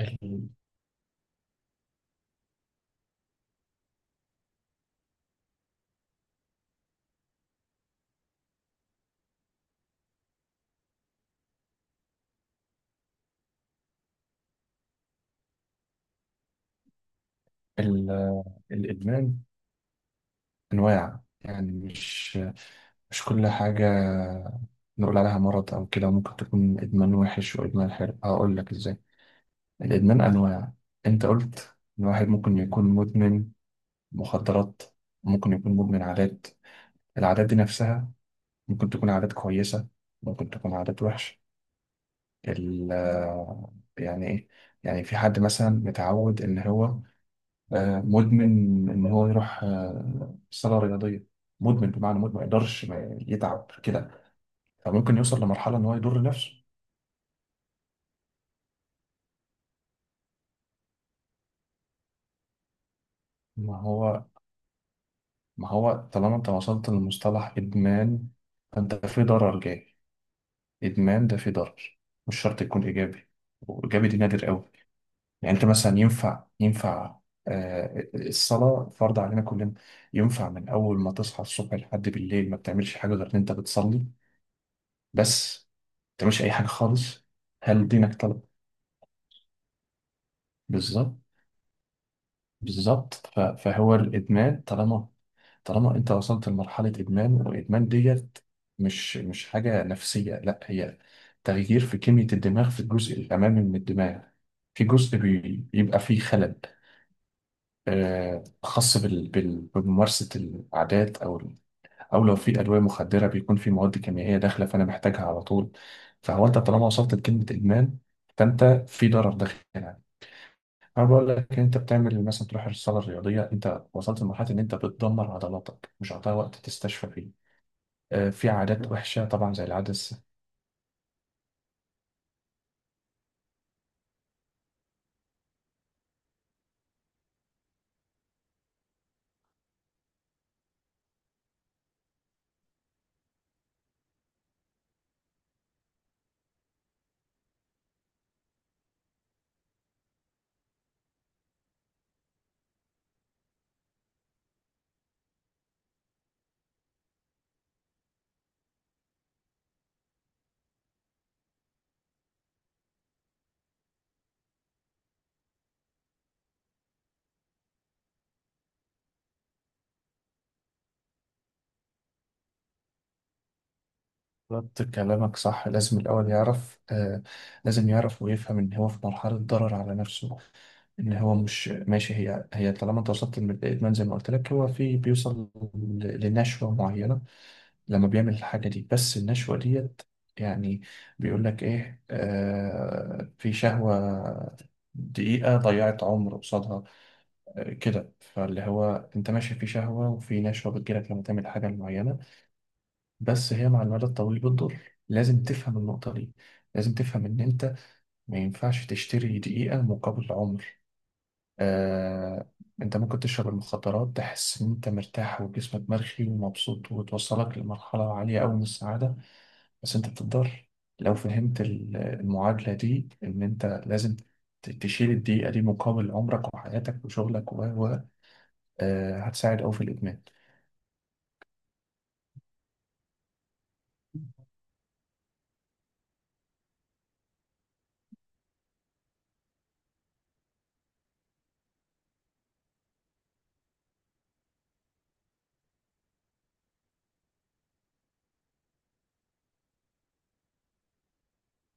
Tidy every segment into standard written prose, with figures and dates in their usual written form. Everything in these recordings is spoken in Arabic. ال- ال- الإدمان أنواع، يعني مش كل حاجة نقول عليها مرض أو كده. ممكن تكون إدمان وحش وإدمان حلو، هقول لك إزاي. الإدمان أنواع، أنت قلت إن واحد ممكن يكون مدمن مخدرات، ممكن يكون مدمن عادات. العادات دي نفسها ممكن تكون عادات كويسة، ممكن تكون عادات وحشة. ال يعني إيه؟ يعني في حد مثلا متعود إن هو مدمن، ان هو يروح صاله رياضيه، مدمن بمعنى مدمن ما يقدرش ما يتعب كده، فممكن يوصل لمرحله ان هو يضر نفسه. ما هو ما هو طالما انت وصلت لمصطلح ادمان فانت في ضرر جاي. ادمان ده في ضرر، مش شرط يكون ايجابي، وايجابي دي نادر قوي. يعني انت مثلا ينفع الصلاه فرض علينا كلنا، ينفع من اول ما تصحى الصبح لحد بالليل ما بتعملش حاجه غير ان انت بتصلي بس؟ ما تعملش اي حاجه خالص؟ هل دينك طلب؟ بالظبط. بالظبط، فهو الادمان، طالما طالما انت وصلت لمرحله ادمان، والادمان ديت مش حاجه نفسيه، لا هي تغيير في كميه الدماغ، في الجزء الامامي من الدماغ، في جزء بيبقى فيه خلل، خاص بممارسه العادات. او او لو في ادويه مخدره بيكون في مواد كيميائيه داخله فانا محتاجها على طول. فهو انت طالما وصلت لكلمه ادمان فانت في ضرر داخلها. انا بقول لك انت بتعمل مثلا تروح الصاله الرياضيه، انت وصلت لمرحله ان انت بتدمر عضلاتك، مش هتعطيها وقت تستشفى فيه. آه، في عادات وحشه طبعا زي العدسه. بالظبط، كلامك صح، لازم الاول يعرف. آه، لازم يعرف ويفهم ان هو في مرحله ضرر على نفسه، ان هو مش ماشي هي هي. طالما انت وصلت للادمان زي ما قلت لك، هو في بيوصل لنشوه معينه لما بيعمل الحاجة دي، بس النشوة ديت، يعني، بيقول لك إيه، آه، في شهوة، دقيقة ضيعت عمر قصادها. آه كده، فاللي هو أنت ماشي في شهوة وفي نشوة بتجيلك لما تعمل حاجة معينة، بس هي مع المدى الطويل بتضر. لازم تفهم النقطة دي، لازم تفهم إن أنت ما ينفعش تشتري دقيقة مقابل عمر. آه. أنت ممكن تشرب المخدرات، تحس إن أنت مرتاح وجسمك مرخي ومبسوط، وتوصلك لمرحلة عالية أوي من السعادة، بس انت بتقدر، لو فهمت المعادلة دي ان انت لازم تشيل الدقيقة دي مقابل عمرك وحياتك وشغلك و آه، هتساعد أوي في الإدمان.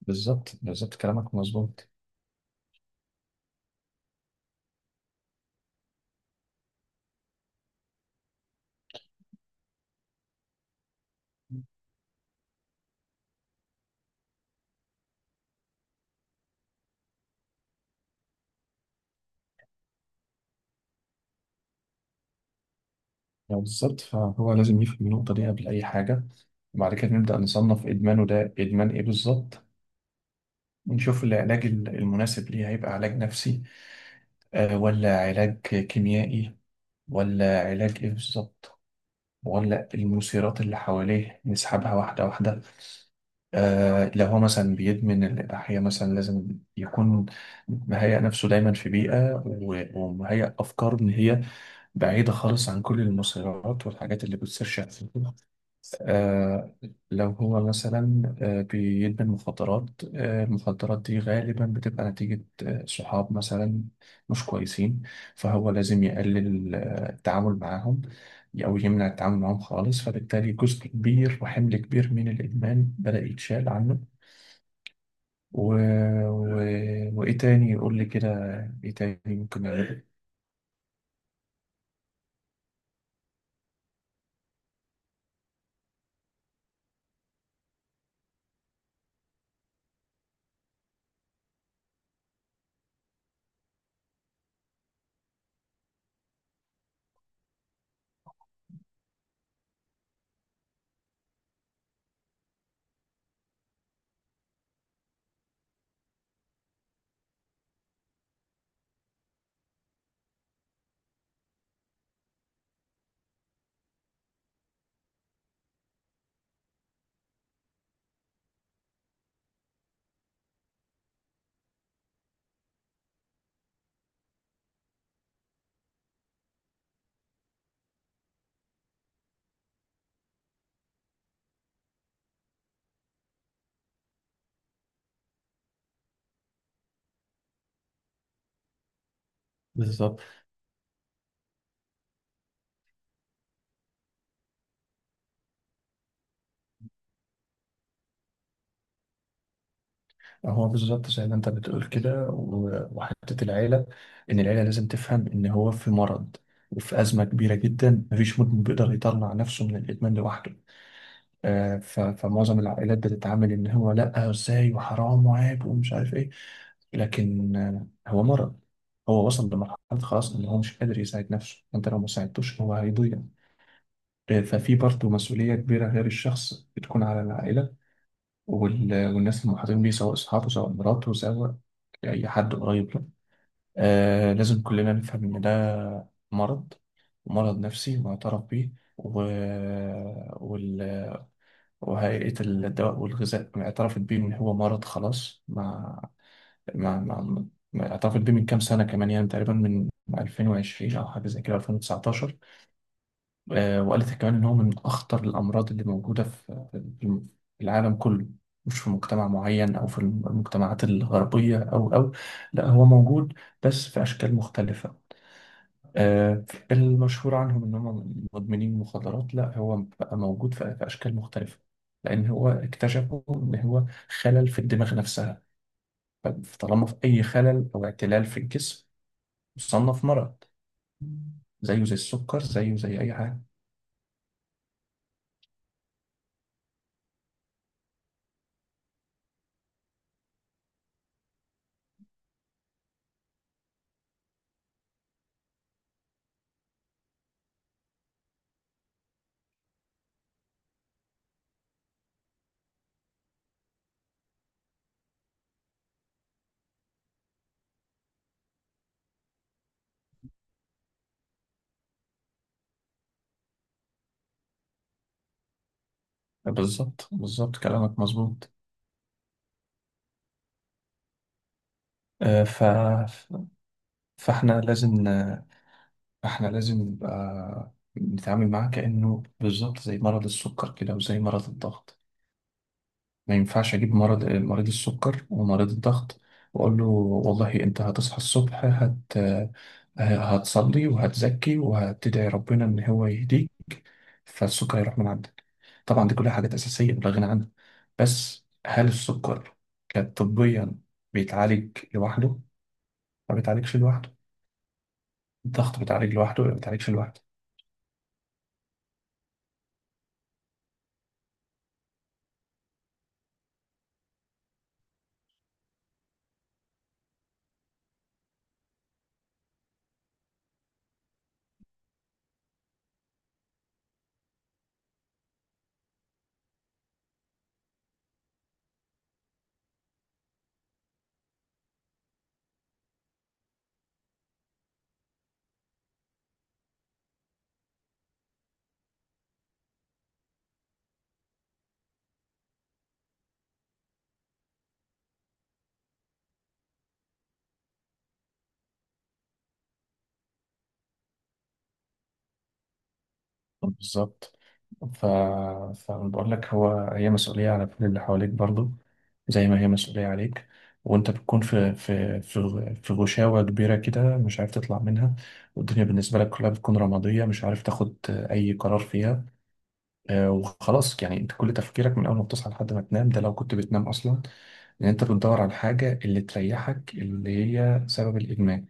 بالظبط، بالظبط، كلامك مظبوط. يعني بالظبط، فهو لازم يفهم النقطة دي قبل أي حاجة، وبعد كده نبدأ نصنف إدمانه ده إدمان إيه بالظبط، ونشوف العلاج المناسب ليه، هيبقى علاج نفسي، آه، ولا علاج كيميائي، ولا علاج إيه بالظبط، ولا المثيرات اللي حواليه نسحبها واحدة واحدة. آه، لو هو مثلا بيدمن الإباحية مثلا، لازم يكون مهيأ نفسه دايما في بيئة ومهيأ أفكار إن هي بعيدة خالص عن كل المسيرات والحاجات اللي بتصير شخصيا. آه، لو هو مثلا آه بيدمن مخدرات، آه المخدرات دي غالبا بتبقى نتيجة آه صحاب مثلا مش كويسين، فهو لازم يقلل التعامل معاهم أو يمنع التعامل معاهم خالص، فبالتالي جزء كبير وحمل كبير من الإدمان بدأ يتشال عنه. و... و... وايه تاني قول لي كده، ايه تاني ممكن نعمله؟ بالظبط، هو بالظبط زي ما انت بتقول كده، وحتة العيلة، ان العيلة لازم تفهم ان هو في مرض، وفي أزمة كبيرة جدا. مفيش مدمن بيقدر يطلع نفسه من الإدمان لوحده. آه، فمعظم العائلات بتتعامل ان هو لا، ازاي، وحرام وعيب ومش عارف ايه، لكن آه، هو مرض، هو وصل لمرحلة خلاص ان هو مش قادر يساعد نفسه. انت لو ما ساعدتوش هو هيضيع. ففي برضه مسؤولية كبيرة غير الشخص بتكون على العائلة والناس المحاطين بيه، سواء أصحابه، سواء مراته، سواء أي حد قريب له. آه، لازم كلنا نفهم إن ده مرض، مرض نفسي معترف بيه. و... وال... وهيئة الدواء والغذاء اعترفت بيه إن هو مرض خلاص. مع مع اعترفت بيه من كام سنة كمان، يعني تقريبا من 2020 أو حاجة زي كده، 2019. آه، وقالت كمان إن هو من أخطر الأمراض اللي موجودة في العالم كله، مش في مجتمع معين أو في المجتمعات الغربية أو، لا هو موجود بس في أشكال مختلفة. آه، المشهور عنهم إن هم مدمنين مخدرات، لا، هو بقى موجود في أشكال مختلفة، لأن هو اكتشفوا إن هو خلل في الدماغ نفسها. فطالما في أي خلل أو اعتلال في الجسم يصنف مرض، زيه زي السكر، زيه زي أي حاجة. بالظبط، بالظبط، كلامك مظبوط. آه، ف... فاحنا لازم ن- احنا لازم نبقى نتعامل معاه كأنه بالظبط زي مرض السكر كده وزي مرض الضغط. ما ينفعش اجيب مرض مريض السكر ومريض الضغط واقول له والله انت هتصحى الصبح هتصلي وهتزكي وهتدعي ربنا ان هو يهديك فالسكر يروح من عندك. طبعا دي كلها حاجات اساسيه لا غنى عنها، بس هل السكر كطبيا بيتعالج لوحده؟ ما بيتعالجش لوحده. الضغط بيتعالج لوحده؟ ما بيتعالجش لوحده. بالظبط. ف... فأنا بقول لك هو هي مسؤولية على كل اللي حواليك برضو زي ما هي مسؤولية عليك. وأنت بتكون في غشاوة كبيرة كده مش عارف تطلع منها، والدنيا بالنسبة لك كلها بتكون رمادية، مش عارف تاخد أي قرار فيها. آه، وخلاص يعني انت كل تفكيرك من اول ما بتصحى لحد ما تنام، ده لو كنت بتنام اصلا، ان انت بتدور على الحاجه اللي تريحك، اللي هي سبب الادمان.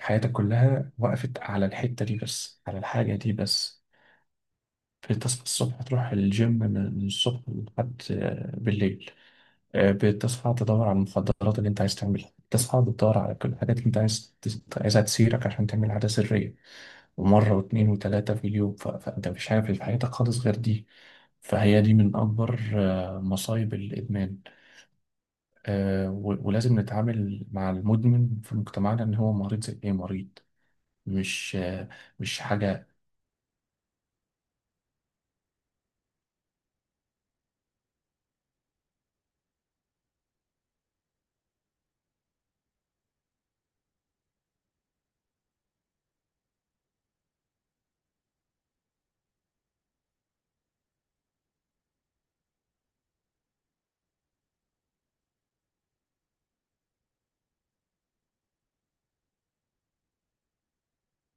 حياتك كلها وقفت على الحته دي بس، على الحاجه دي بس. فتصحى الصبح تروح الجيم من الصبح لحد آه، بالليل، آه، بتصحى تدور على المخدرات اللي انت عايز تعملها، بتصحى بتدور على كل الحاجات اللي انت عايزها تسيرك عشان تعمل عادة سرية، ومرة واتنين وتلاتة في اليوم. فانت مش عارف في حياتك خالص غير دي. فهي دي من أكبر آه، مصايب الإدمان. آه، ولازم نتعامل مع المدمن في مجتمعنا إن هو مريض زي أي مريض، مش آه، مش حاجة